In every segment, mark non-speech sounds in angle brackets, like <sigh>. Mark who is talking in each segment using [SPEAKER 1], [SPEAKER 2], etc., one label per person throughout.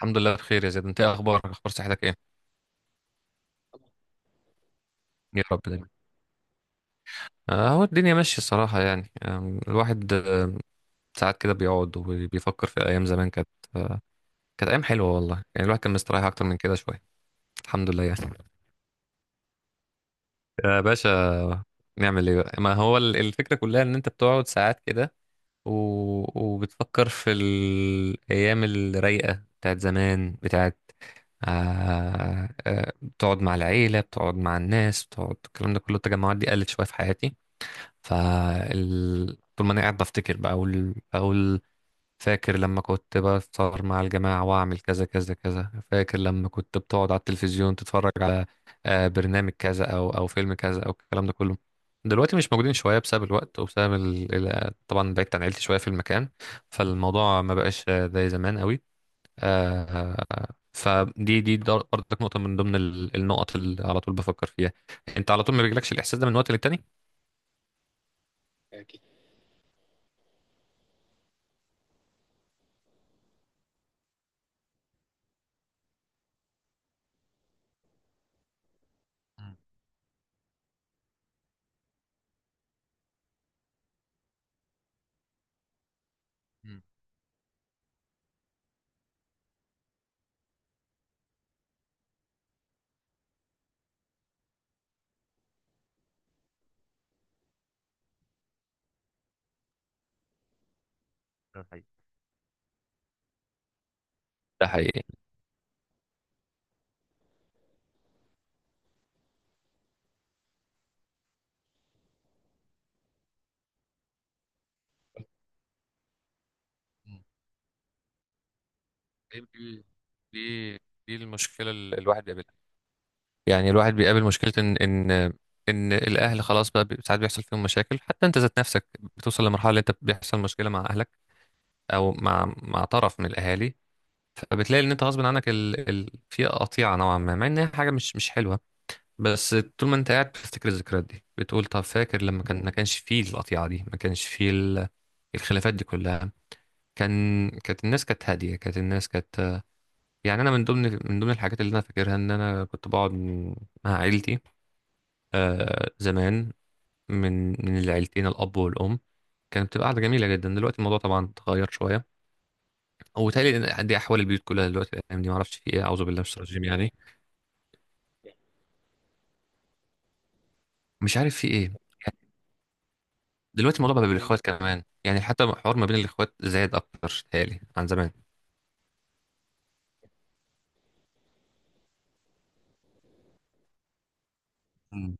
[SPEAKER 1] الحمد لله بخير يا زيد، انت ايه اخبارك؟ اخبار صحتك ايه؟ يا رب دايما. هو الدنيا ماشيه الصراحه يعني، الواحد ساعات كده بيقعد وبيفكر في ايام زمان آه، كانت ايام حلوه والله. يعني الواحد كان مستريح اكتر من كده شويه، الحمد لله يعني. يا باشا، نعمل ايه بقى؟ ما هو الفكره كلها ان انت بتقعد ساعات كده و... وبتفكر في الايام الرايقه بتاعت زمان، بتقعد مع العيله، بتقعد مع الناس، بتقعد، الكلام ده كله، التجمعات دي قلت شويه في حياتي. طول ما انا قاعد بفتكر بقى اقول، فاكر لما كنت بفطر مع الجماعة واعمل كذا كذا كذا، فاكر لما كنت بتقعد على التلفزيون تتفرج على برنامج كذا او فيلم كذا او الكلام ده كله. دلوقتي مش موجودين شوية بسبب الوقت وبسبب طبعا بعدت عن عيلتي شوية في المكان. فالموضوع ما بقاش زي زمان قوي. آه، فدي دي برضك نقطة من ضمن النقط اللي على طول بفكر فيها. انت على طول ما بيجيلكش الاحساس ده من وقت للتاني؟ أكيد. ده حقيقي. ده حقيقي. مم. دي دي دي دي المشكله اللي الواحد بيقابلها. يعني الواحد بيقابل مشكله، ان الاهل خلاص بقى، ساعات بيحصل فيهم مشاكل. حتى انت ذات نفسك بتوصل لمرحله اللي انت بيحصل مشكله مع اهلك، او مع طرف من الاهالي. فبتلاقي ان انت غصب عنك في قطيعه نوعا ما، مع ان هي حاجه مش حلوه. بس طول ما انت قاعد بتفتكر الذكريات دي بتقول، طب فاكر لما ما كانش فيه القطيعه دي، ما كانش فيه الخلافات دي كلها. كانت الناس كانت هاديه، كانت الناس يعني انا من ضمن الحاجات اللي انا فاكرها ان انا كنت بقعد مع عيلتي زمان، من العيلتين الاب والام. كانت بتبقى قعده جميله جدا. دلوقتي الموضوع طبعا اتغير شويه، وبالتالي إن دي احوال البيوت كلها دلوقتي، الايام دي ما اعرفش في ايه، اعوذ بالله من الشيطان الرجيم يعني. مش عارف في ايه. دلوقتي الموضوع بقى بالاخوات كمان، يعني حتى الحوار ما بين الاخوات زاد اكتر تهيألي، عن زمان. مم.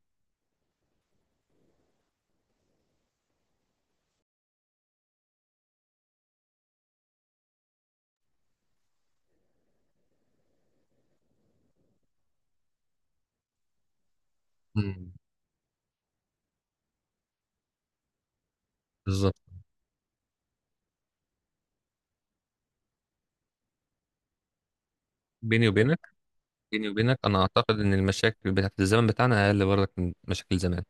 [SPEAKER 1] مم. بالظبط. بيني وبينك بيني وبينك انا اعتقد ان المشاكل بتاعت الزمن بتاعنا اقل برضك من مشاكل زمان.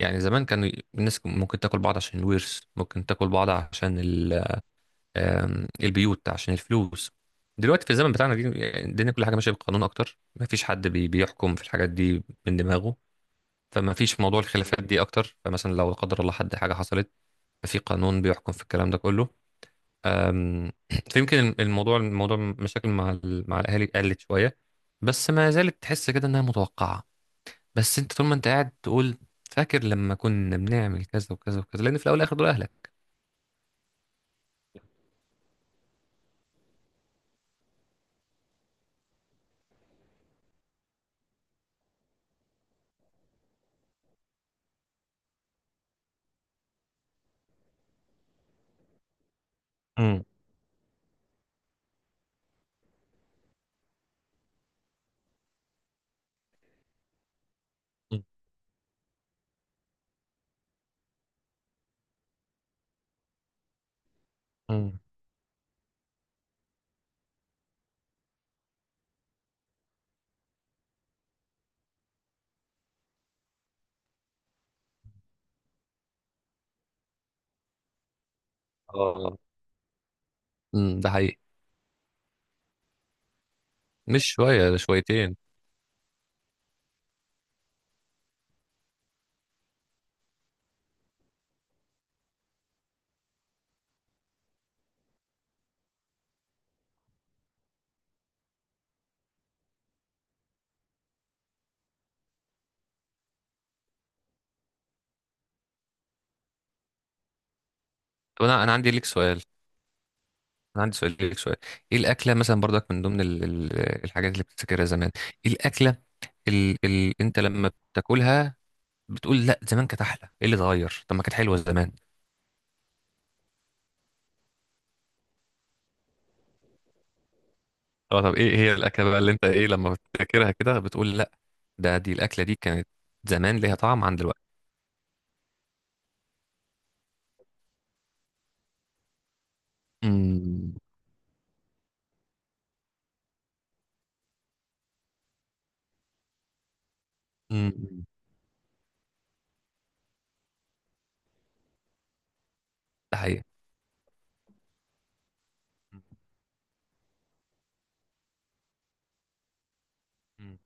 [SPEAKER 1] يعني زمان كان الناس ممكن تاكل بعض عشان الورث، ممكن تاكل بعض عشان البيوت، عشان الفلوس. دلوقتي في الزمن بتاعنا دي، يعني الدنيا كل حاجه ماشيه بالقانون اكتر، ما فيش حد بيحكم في الحاجات دي من دماغه. فما فيش موضوع الخلافات دي اكتر، فمثلا لو لا قدر الله حد حاجه حصلت، ففي قانون بيحكم في الكلام ده كله. آم، <clears throat> فيمكن الموضوع مشاكل مع الاهالي قلت شويه، بس ما زالت تحس كده انها متوقعه. بس انت طول ما انت قاعد تقول، فاكر لما كنا بنعمل كذا وكذا وكذا، لان في الاول والاخر دول اهلك. امم. امم. اه. امم. ده حقيقي. مش شويه، ده شويتين. طب انا عندي ليك سؤال، انا عندي سؤال ليك، سؤال. ايه الاكله مثلا برضك من ضمن الحاجات اللي بتفتكرها زمان؟ ايه الاكله اللي انت لما بتاكلها بتقول لا زمان كانت احلى؟ ايه اللي اتغير؟ طب ما كانت حلوه زمان. اه طب، ايه هي الاكله بقى اللي انت ايه لما بتفتكرها كده بتقول لا؟ دي الاكله دي كانت زمان ليها طعم عن دلوقتي. امم. ده حقيقي. مم. مم.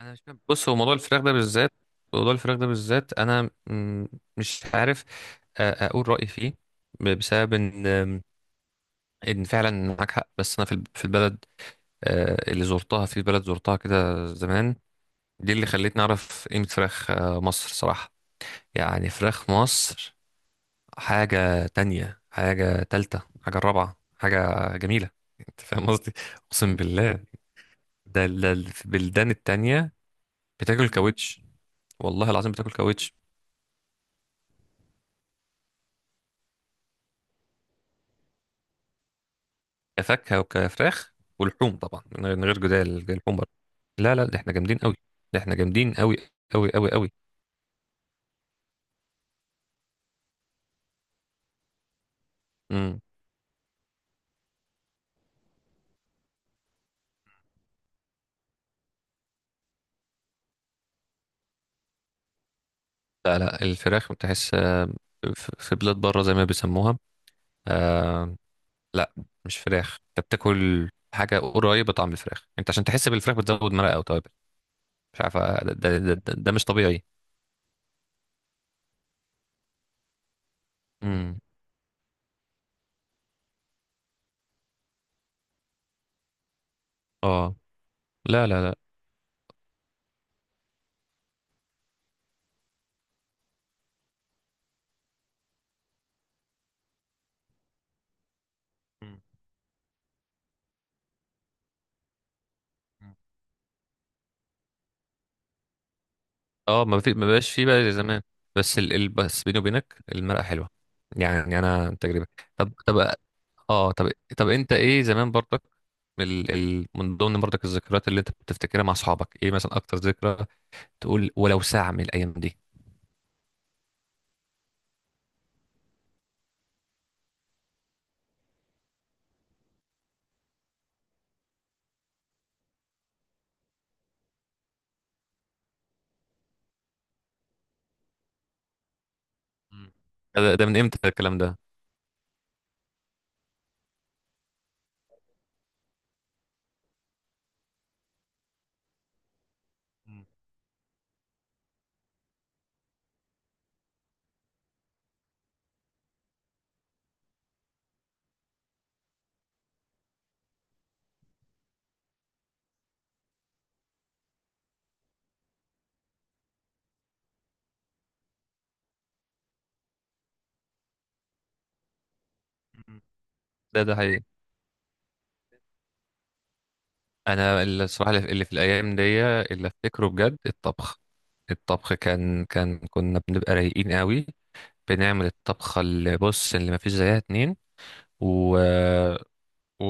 [SPEAKER 1] انا مش فاهم. بص، هو موضوع الفراخ ده بالذات، موضوع الفراخ ده بالذات انا مش عارف، اقول رايي فيه بسبب ان فعلا معاك حق، بس انا في البلد اللي زرتها، في بلد زرتها كده زمان، دي اللي خلتني اعرف قيمه فراخ مصر صراحه. يعني فراخ مصر حاجه تانية، حاجه تالتة، حاجه رابعه، حاجه جميله. انت فاهم قصدي؟ اقسم بالله. ده في البلدان التانية بتاكل كاوتش. والله العظيم بتاكل كاوتش. كفاكهه وكفراخ ولحوم، طبعا من غير جدال اللحوم بره. لا لا، ده احنا جامدين قوي. ده احنا جامدين قوي، قوي قوي قوي. امم. لا لا، الفراخ تحس في بلاد بره زي ما بيسموها، آه لا، مش فراخ انت بتاكل. حاجه قريبه طعم الفراخ، انت عشان تحس بالفراخ بتزود مرقه او توابل. مش عارف ده مش طبيعي. امم. اه. لا لا لا. مم. اه، ما بقاش فيه بقى زي زمان. بس بيني وبينك، المرأة حلوة. يعني انا من تجربة. طب. اه طب، انت ايه زمان برضك، من ضمن برضك الذكريات اللي انت بتفتكرها مع اصحابك، ايه مثلا اكتر ذكرى تقول ولو ساعة من الايام دي؟ مم. ده, ده من امتى الكلام ده؟ مم. مم. ده حقيقي. انا الصراحه اللي في الايام دي اللي افتكره بجد الطبخ. الطبخ كان كان كنا بنبقى رايقين قوي، بنعمل الطبخه اللي بص، اللي ما فيش زيها اتنين، و... و...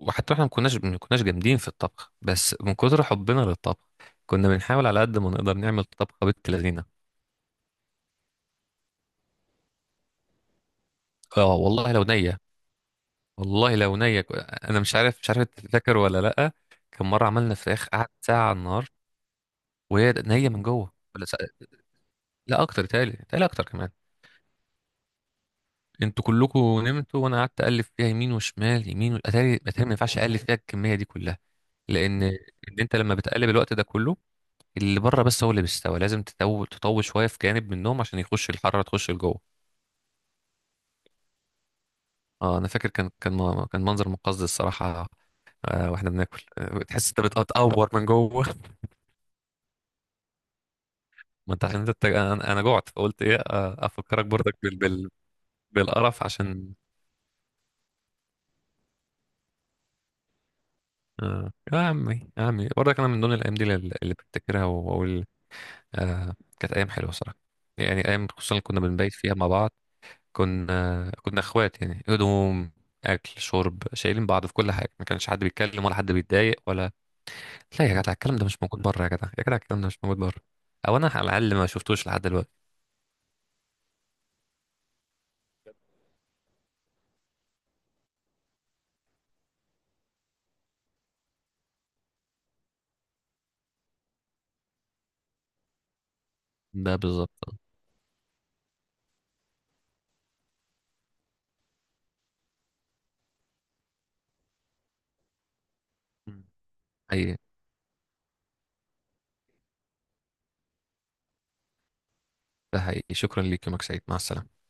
[SPEAKER 1] وحتى احنا ما كناش جامدين في الطبخ، بس من كتر حبنا للطبخ كنا بنحاول على قد ما نقدر نعمل طبخه بنت لذينه. اه والله لو نيه. والله لو نيه انا مش عارف، انت فاكر ولا لا؟ كان مره عملنا فراخ قعدت ساعه على النار وهي نيه من جوه، ولا ساعة. لا اكتر، تالي تالي اكتر كمان. انتوا كلكم نمتوا وانا قعدت اقلب فيها يمين وشمال يمين، واتاري ما ينفعش اقلب فيها الكميه دي كلها. لان انت لما بتقلب الوقت ده كله، اللي بره بس هو اللي بيستوي، لازم تطول تطول شويه في جانب منهم عشان يخش الحراره تخش لجوه. اه، انا فاكر كان منظر مقزز الصراحه. واحنا بناكل <laughs> تحس انت بتقور من جوه <laughs> ما انت عشان انت انا جوعت فقلت ايه، افكرك برضك بالقرف عشان آه. يا عمي يا عمي برضك، انا من ضمن الايام دي اللي بفتكرها واقول آه كانت ايام حلوه صراحه. يعني ايام خصوصا اللي كنا بنبيت فيها مع بعض، كنا اخوات يعني، هدوم، اكل، شرب، شايلين بعض في كل حاجه، ما كانش حد بيتكلم ولا حد بيتضايق ولا. لا يا جدع، الكلام ده مش موجود بره، يا جدع يا جدع الكلام ده مش موجود بره. او انا على الاقل ما شفتوش لحد دلوقتي. ده بالظبط. مم. اي، ده حقيقي. شكرا ليك، يومك سعيد، مع السلامه.